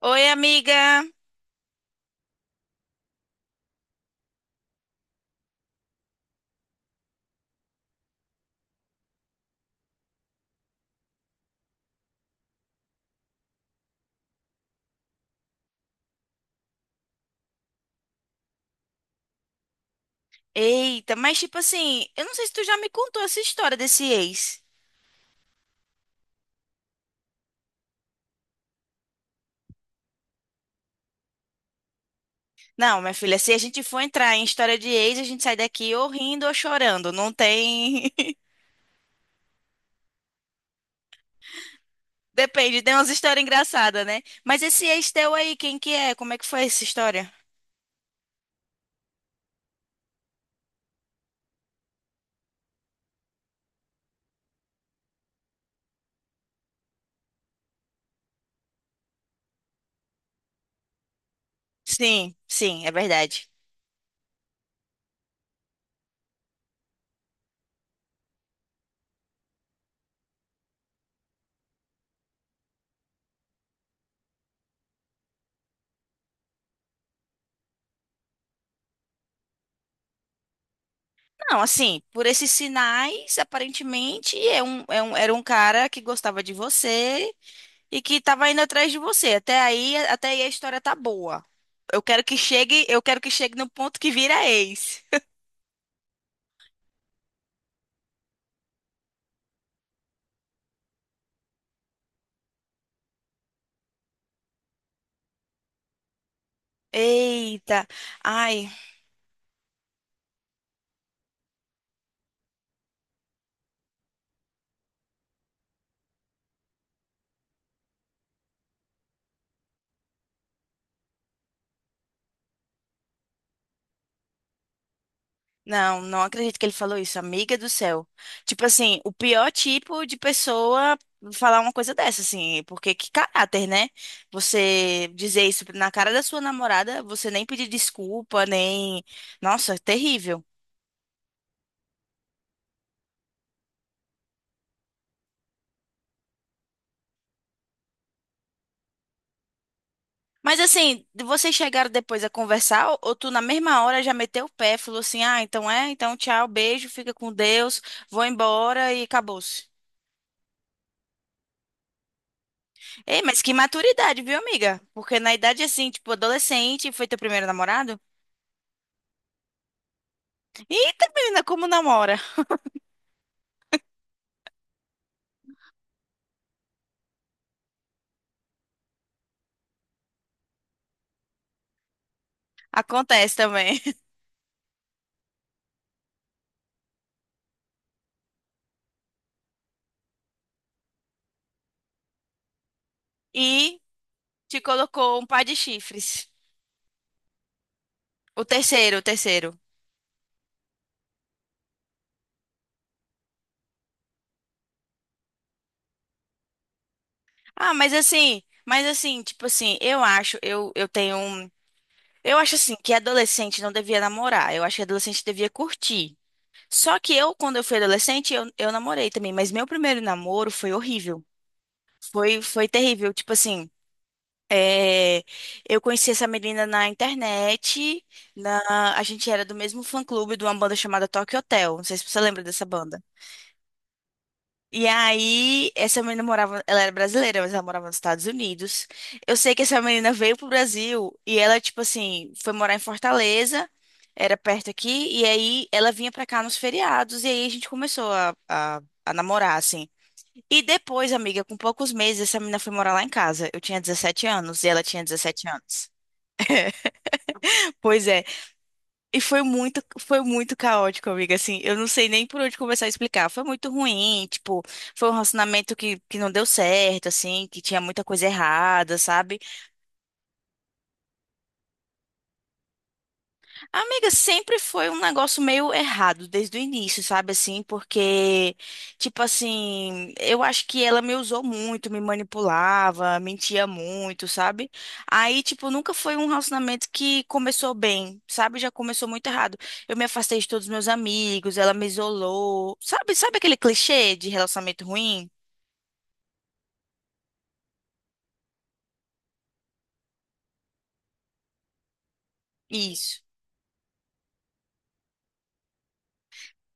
Oi, amiga. Eita, mas tipo assim, eu não sei se tu já me contou essa história desse ex. Não, minha filha, se a gente for entrar em história de ex, a gente sai daqui ou rindo ou chorando. Não tem. Depende, tem umas histórias engraçadas, né? Mas esse ex teu aí, quem que é? Como é que foi essa história? Sim, sim, é verdade. Não, assim, por esses sinais, aparentemente, era um cara que gostava de você. E que tava indo atrás de você. Até aí a história tá boa. Eu quero que chegue no ponto que vira ex. Eita. Ai, não, não acredito que ele falou isso, amiga do céu. Tipo assim, o pior tipo de pessoa falar uma coisa dessa, assim, porque que caráter, né? Você dizer isso na cara da sua namorada, você nem pedir desculpa, nem. Nossa, terrível. Mas assim, vocês chegaram depois a conversar ou tu na mesma hora já meteu o pé, falou assim: "Ah, então é, então tchau, beijo, fica com Deus, vou embora e acabou-se". Ei, mas que maturidade, viu, amiga? Porque na idade assim, tipo, adolescente, foi teu primeiro namorado? Eita, menina, como namora? Acontece também. E te colocou um par de chifres. O terceiro, o terceiro. Ah, tipo assim, eu acho, eu tenho um. Eu acho assim que adolescente não devia namorar. Eu acho que adolescente devia curtir. Só que eu, quando eu fui adolescente, eu namorei também. Mas meu primeiro namoro foi horrível. Foi, foi terrível. Tipo assim, é, eu conheci essa menina na internet. Na, a gente era do mesmo fã-clube de uma banda chamada Tokyo Hotel. Não sei se você lembra dessa banda. E aí, essa menina morava, ela era brasileira, mas ela morava nos Estados Unidos. Eu sei que essa menina veio pro Brasil e ela, tipo assim, foi morar em Fortaleza, era perto aqui, e aí ela vinha pra cá nos feriados, e aí a gente começou a namorar, assim. E depois, amiga, com poucos meses, essa menina foi morar lá em casa. Eu tinha 17 anos e ela tinha 17 anos. Pois é, e foi muito caótico, amiga. Assim, eu não sei nem por onde começar a explicar. Foi muito ruim, tipo, foi um relacionamento que não deu certo, assim, que tinha muita coisa errada, sabe? Amiga, sempre foi um negócio meio errado desde o início, sabe assim? Porque, tipo assim, eu acho que ela me usou muito, me manipulava, mentia muito, sabe? Aí, tipo, nunca foi um relacionamento que começou bem, sabe? Já começou muito errado. Eu me afastei de todos os meus amigos, ela me isolou. Sabe, sabe aquele clichê de relacionamento ruim? Isso.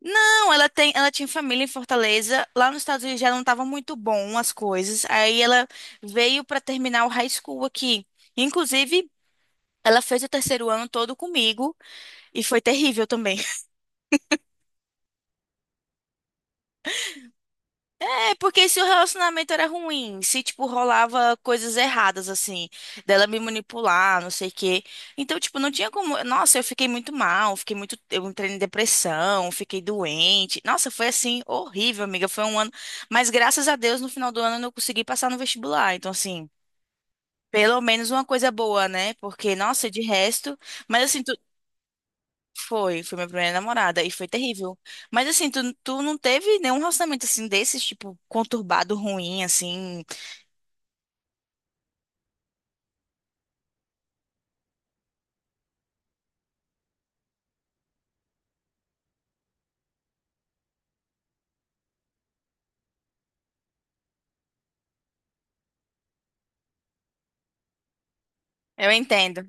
Não, ela tem, ela tinha família em Fortaleza. Lá nos Estados Unidos já não estavam muito bom as coisas. Aí ela veio para terminar o high school aqui. Inclusive, ela fez o terceiro ano todo comigo e foi terrível também. É porque se o relacionamento era ruim, se, tipo, rolava coisas erradas, assim, dela me manipular, não sei o quê. Então, tipo, não tinha como. Nossa, eu fiquei muito mal, fiquei muito. Eu entrei em depressão, fiquei doente. Nossa, foi assim, horrível, amiga. Foi um ano. Mas graças a Deus, no final do ano, eu consegui passar no vestibular. Então, assim, pelo menos uma coisa boa, né? Porque, nossa, de resto. Mas, assim, foi, foi minha primeira namorada e foi terrível. Mas assim, tu, tu não teve nenhum relacionamento assim desses, tipo, conturbado, ruim, assim. Eu entendo.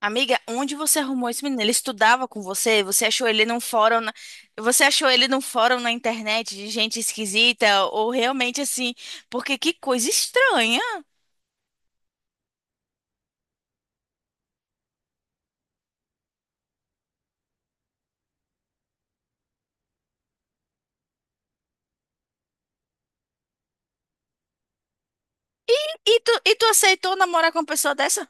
Amiga, onde você arrumou esse menino? Ele estudava com você? Você achou ele num fórum na... Você achou ele num fórum na internet de gente esquisita? Ou realmente assim? Porque que coisa estranha. E tu aceitou namorar com uma pessoa dessa?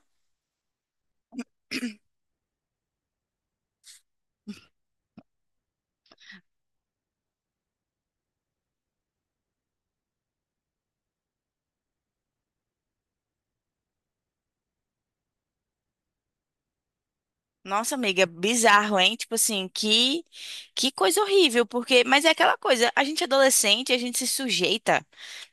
Nossa, amiga, bizarro, hein? Tipo assim, que coisa horrível, porque, mas é aquela coisa, a gente é adolescente, a gente se sujeita.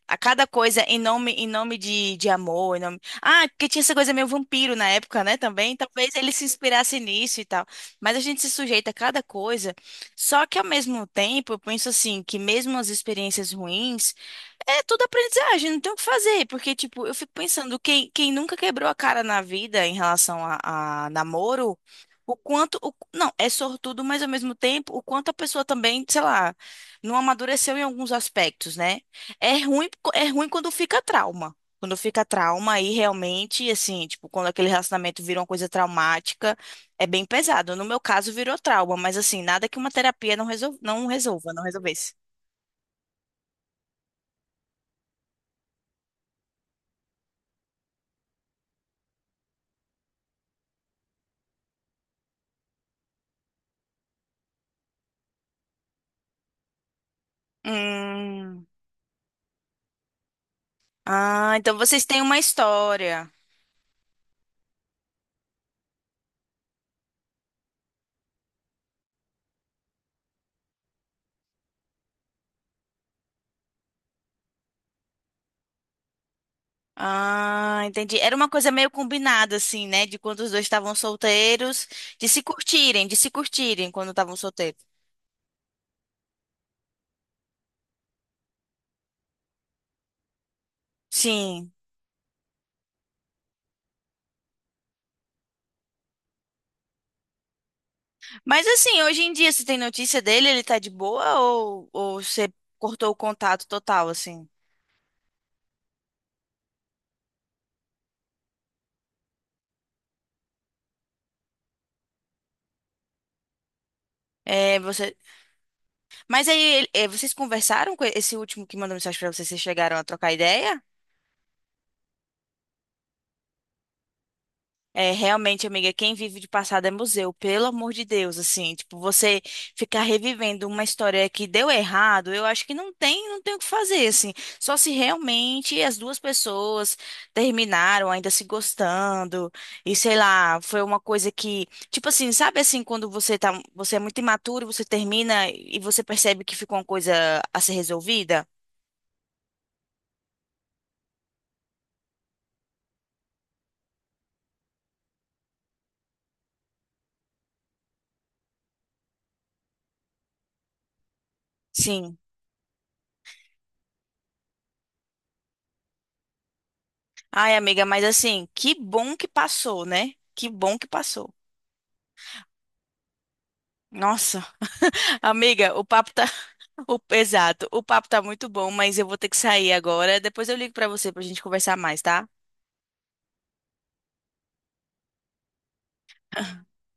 A cada coisa em nome de amor, em nome... Ah, porque tinha essa coisa meio vampiro na época, né, também. Talvez ele se inspirasse nisso e tal. Mas a gente se sujeita a cada coisa. Só que ao mesmo tempo, eu penso assim, que mesmo as experiências ruins, é tudo aprendizagem, não tem o que fazer. Porque, tipo, eu fico pensando, quem, quem nunca quebrou a cara na vida em relação a namoro, o quanto. O, não, é sortudo, mas ao mesmo tempo, o quanto a pessoa também, sei lá, não amadureceu em alguns aspectos, né? É ruim, é ruim quando fica trauma. Quando fica trauma, aí realmente, assim, tipo, quando aquele relacionamento vira uma coisa traumática, é bem pesado. No meu caso, virou trauma, mas assim, nada que uma terapia não resolva, não resolvesse. Hum. Ah, então vocês têm uma história. Ah, entendi. Era uma coisa meio combinada, assim, né? De quando os dois estavam solteiros, de se curtirem quando estavam solteiros. Sim. Mas assim, hoje em dia, você tem notícia dele? Ele tá de boa ou você cortou o contato total, assim? É, você... Mas aí, vocês conversaram com esse último que mandou mensagem pra vocês? Vocês chegaram a trocar ideia? É, realmente, amiga, quem vive de passado é museu, pelo amor de Deus, assim, tipo, você ficar revivendo uma história que deu errado, eu acho que não tem, não tem o que fazer, assim, só se realmente as duas pessoas terminaram ainda se gostando, e sei lá, foi uma coisa que, tipo assim, sabe assim, quando você tá, você é muito imaturo, você termina e você percebe que ficou uma coisa a ser resolvida? Sim. Ai, amiga, mas assim, que bom que passou, né? Que bom que passou. Nossa. Amiga, o papo tá. Exato, o papo tá muito bom, mas eu vou ter que sair agora. Depois eu ligo pra você pra gente conversar mais, tá?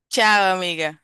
Tchau, amiga.